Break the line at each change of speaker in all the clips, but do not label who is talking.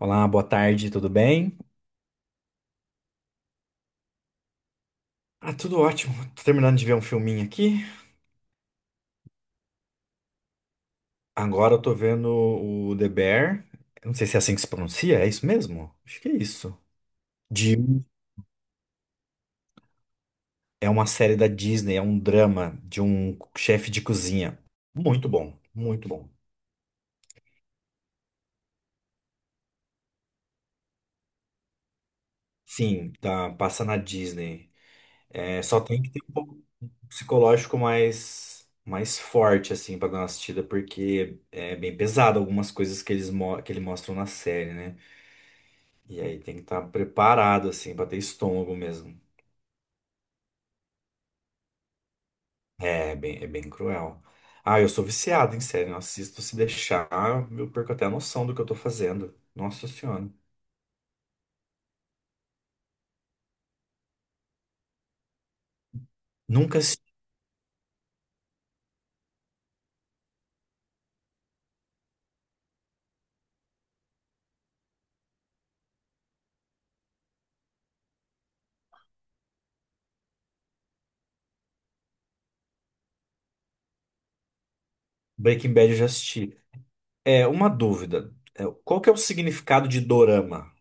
Olá, boa tarde, tudo bem? Ah, tudo ótimo. Tô terminando de ver um filminho aqui. Agora eu tô vendo o The Bear. Eu não sei se é assim que se pronuncia, é isso mesmo? Acho que é isso. De... É uma série da Disney, é um drama de um chefe de cozinha. Muito bom, muito bom. Sim, tá, passa na Disney. É, só tem que ter um pouco psicológico mais forte, assim, pra dar uma assistida, porque é bem pesado algumas coisas que que eles mostram na série, né? E aí tem que estar preparado, assim, pra ter estômago mesmo. É bem cruel. Ah, eu sou viciado em série, eu assisto se deixar, eu perco até a noção do que eu tô fazendo. Nossa Senhora. Nunca assisti Breaking Bad, eu já assisti. É, uma dúvida. É, qual que é o significado de dorama?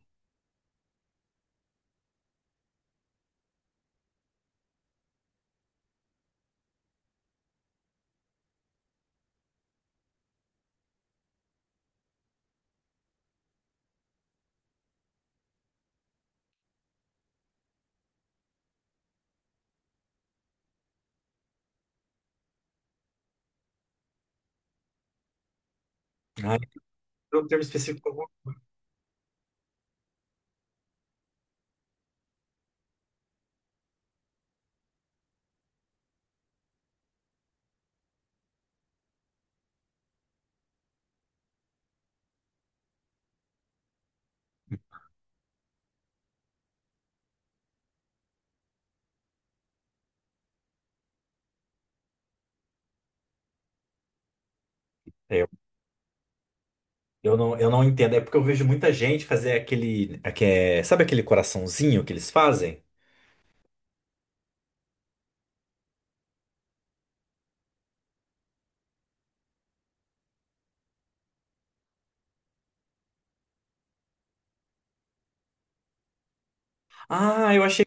Ah, é um termo específico. É, eu não entendo. É porque eu vejo muita gente fazer sabe aquele coraçãozinho que eles fazem? Ah, eu achei,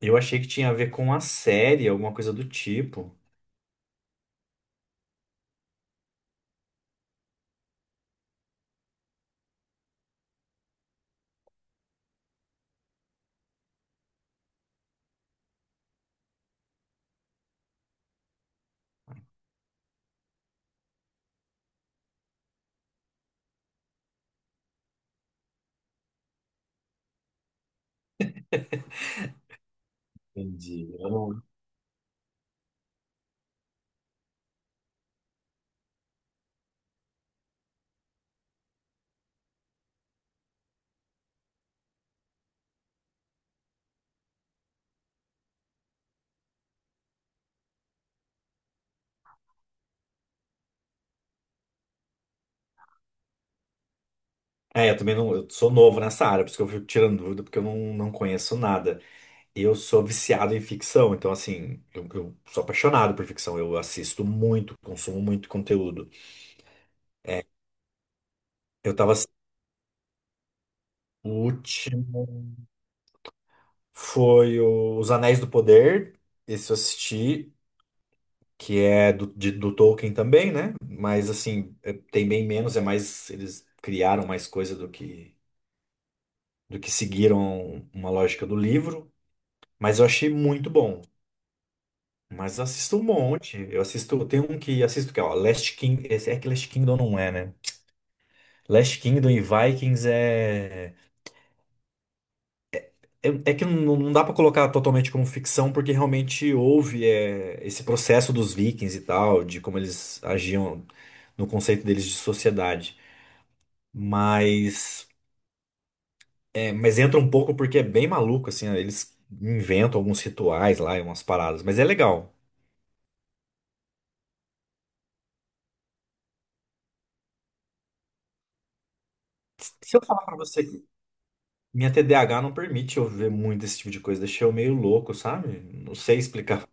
eu achei que tinha a ver com a série, alguma coisa do tipo. Entendi. Eu não- É, eu também não. Eu sou novo nessa área, por isso que eu fico tirando dúvida, porque eu não, não conheço nada. Eu sou viciado em ficção, então, assim, eu sou apaixonado por ficção. Eu assisto muito, consumo muito conteúdo. Eu tava. Ass- O último foi o- Os Anéis do Poder, esse eu assisti, que é do Tolkien também, né? Mas, assim, é- tem bem menos, é mais. Eles criaram mais coisa do que seguiram uma lógica do livro. Mas eu achei muito bom. Mas assisto um monte. Eu assisto, tem um que assisto que é, ó, Last King, esse é que Last Kingdom não é, né? Last Kingdom e Vikings é é que não dá pra colocar totalmente como ficção porque realmente houve esse processo dos Vikings e tal, de como eles agiam no conceito deles de sociedade. Mas mas entra um pouco porque é bem maluco assim, ó, eles inventam alguns rituais lá e umas paradas, mas é legal. Se eu falar pra você minha TDAH não permite eu ver muito esse tipo de coisa, deixei eu meio louco, sabe? Não sei explicar.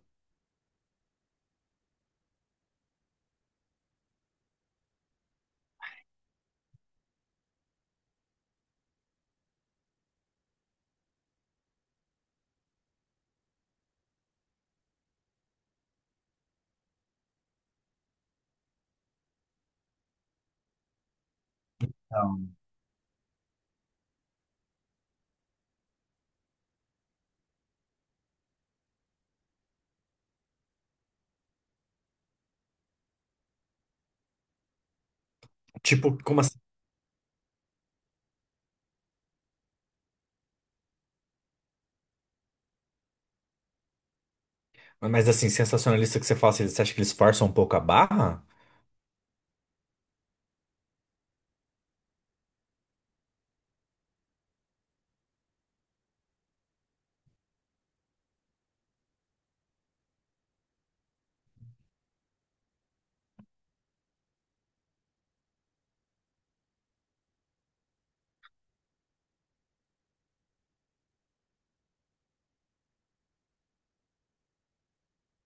Então, tipo, como assim? Mas assim, sensacionalista que você fala, assim, você acha que eles forçam um pouco a barra?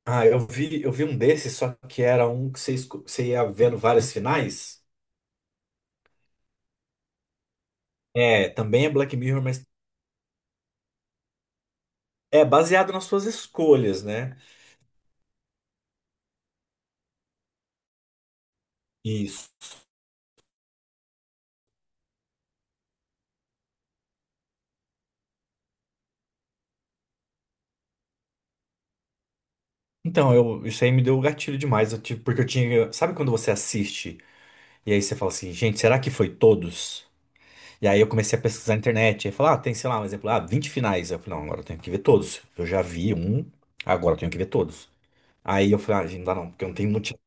Ah, eu vi um desses, só que era um que você, esco- você ia vendo várias finais. É, também é Black Mirror, mas é baseado nas suas escolhas, né? Isso. Então, eu, isso aí me deu o gatilho demais, eu tive- porque eu tinha. Sabe quando você assiste e aí você fala assim, gente, será que foi todos? E aí eu comecei a pesquisar na internet. Aí falar, ah, tem, sei lá, um exemplo, ah, 20 finais. Eu falei, não, agora eu tenho que ver todos. Eu já vi um, agora eu tenho que ver todos. Aí eu falei, ah, gente, não dá não, porque eu não tenho motivo.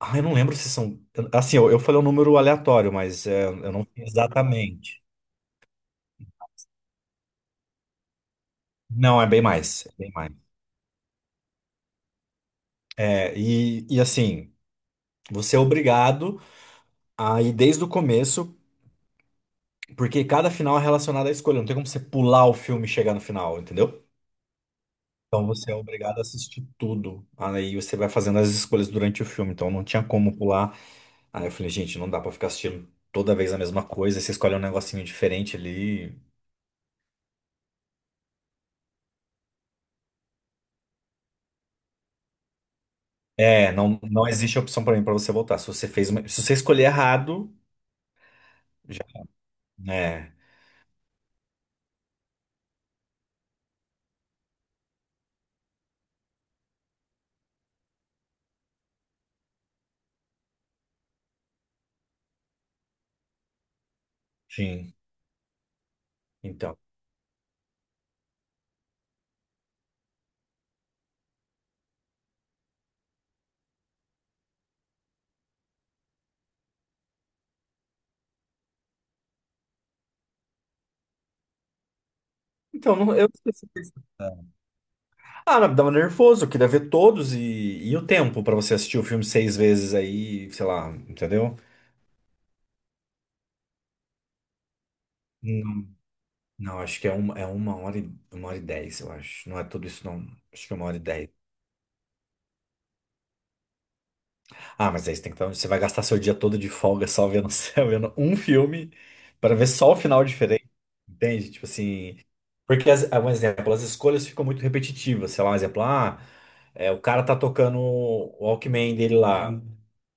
Ah, eu não lembro se são. Assim, eu falei um número aleatório, mas exatamente. Não, é bem mais. É bem mais. E assim, você é obrigado a ir desde o começo, porque cada final é relacionado à escolha. Não tem como você pular o filme e chegar no final, entendeu? Então você é obrigado a assistir tudo. Aí você vai fazendo as escolhas durante o filme. Então não tinha como pular. Aí eu falei, gente, não dá pra ficar assistindo toda vez a mesma coisa. Você escolhe um negocinho diferente ali. É, não, não existe opção pra mim pra você voltar. Se você fez uma- se você escolher errado, já, né? Sim. Então. Então, não- eu esqueci disso. Ah, não, dava nervoso, eu queria ver todos e o tempo pra você assistir o filme 6 vezes aí, sei lá, entendeu? Não, acho que é uma hora e dez, eu acho. Não é tudo isso, não. Acho que é 1 hora e 10. Ah, mas aí você tem que estar, você vai gastar seu dia todo de folga só vendo, só vendo um filme para ver só o final diferente. Entende? Tipo assim. Porque, as, ah, um exemplo, as escolhas ficam muito repetitivas. Sei lá, um exemplo, ah, é, o cara tá tocando o Walkman dele lá.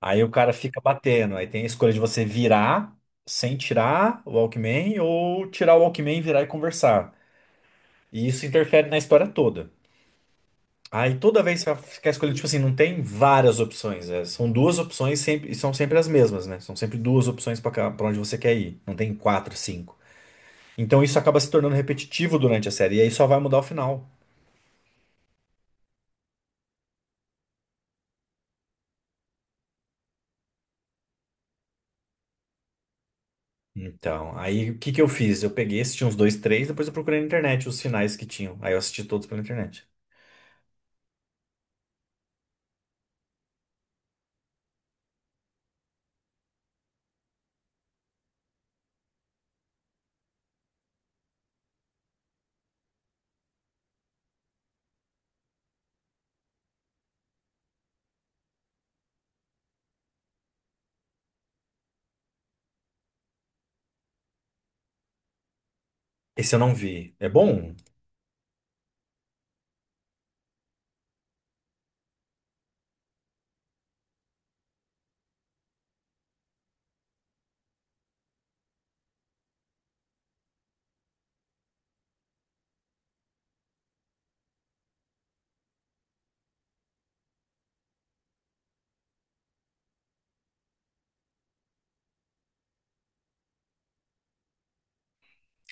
Aí o cara fica batendo. Aí tem a escolha de você virar sem tirar o Walkman ou tirar o Walkman, virar e conversar. E isso interfere na história toda. Aí toda vez que você quer escolher, tipo assim, não tem várias opções. É, são duas opções sempre, e são sempre as mesmas, né? São sempre duas opções para onde você quer ir. Não tem quatro, cinco. Então isso acaba se tornando repetitivo durante a série. E aí só vai mudar o final. Então, aí o que que eu fiz? Eu peguei, assisti uns dois, três, depois eu procurei na internet os finais que tinham. Aí eu assisti todos pela internet. Esse eu não vi. É bom?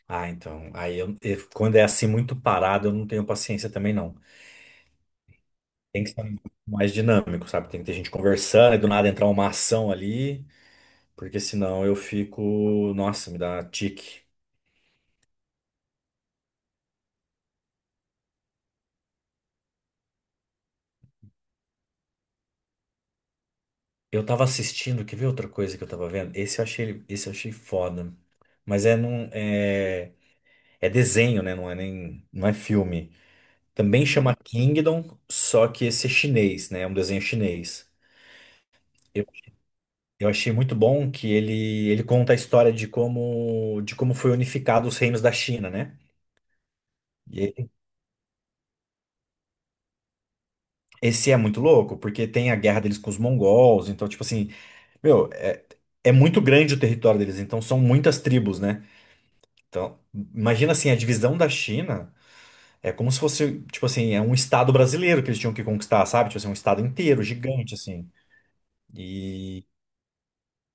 Ah, então. Aí eu- quando é assim muito parado, eu não tenho paciência também, não. Tem que ser um pouco mais dinâmico, sabe? Tem que ter gente conversando e do nada entrar uma ação ali. Porque senão eu fico. Nossa, me dá tique. Eu tava assistindo, quer ver outra coisa que eu tava vendo? Esse eu achei foda. Mas é num, é, é desenho, né? Não é filme. Também chama Kingdom, só que esse é chinês, né? É um desenho chinês. Eu, eu achei muito bom que ele conta a história de como foi unificado os reinos da China, né? E esse é muito louco, porque tem a guerra deles com os mongols, então, tipo assim, meu, é, é muito grande o território deles, então são muitas tribos, né? Então, imagina assim, a divisão da China é como se fosse, tipo assim, é um estado brasileiro que eles tinham que conquistar, sabe? Tipo assim, um estado inteiro, gigante, assim. E,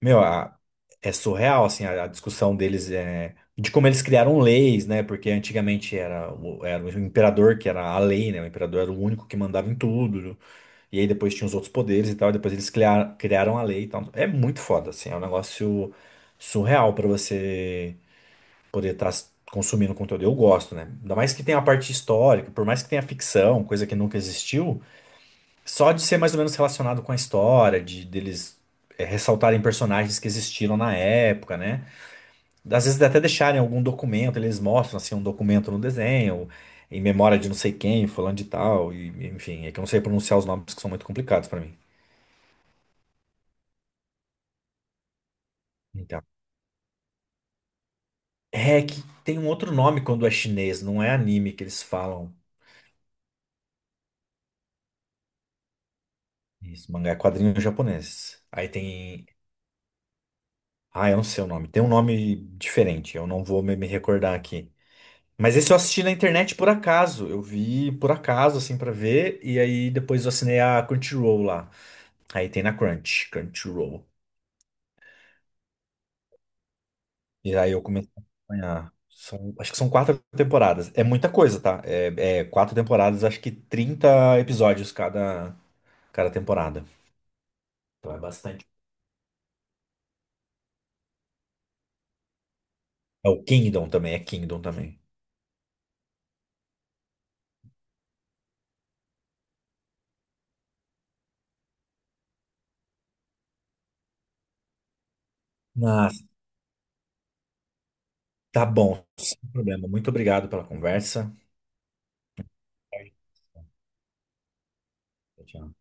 meu, a- é surreal, assim, a discussão deles é de como eles criaram leis, né? Porque antigamente era, o- era o imperador que era a lei, né? O imperador era o único que mandava em tudo. E aí depois tinha os outros poderes e tal, e depois eles criaram a lei e tal. É muito foda, assim, é um negócio surreal pra você poder estar consumindo conteúdo. Eu gosto, né? Ainda mais que tem a parte histórica, por mais que tenha ficção, coisa que nunca existiu, só de ser mais ou menos relacionado com a história, de deles ressaltarem personagens que existiram na época, né? Às vezes até deixarem algum documento, eles mostram assim um documento no desenho, em memória de não sei quem, falando de tal, e enfim, é que eu não sei pronunciar os nomes que são muito complicados pra mim. Então, é que tem um outro nome quando é chinês, não é anime que eles falam. Isso, mangá é quadrinho japonês. Aí tem. Ah, eu não sei o nome. Tem um nome diferente, eu não vou me recordar aqui. Mas esse eu assisti na internet por acaso. Eu vi por acaso, assim, pra ver. E aí depois eu assinei a Crunchyroll lá. Aí tem na Crunchyroll. E aí eu comecei a acompanhar. São- acho que são 4 temporadas. É muita coisa, tá? É, é 4 temporadas, acho que 30 episódios cada, cada temporada. Então é bastante. É o Kingdom também, é Kingdom também. Mas tá bom, sem problema. Muito obrigado pela conversa. Tchau, tchau.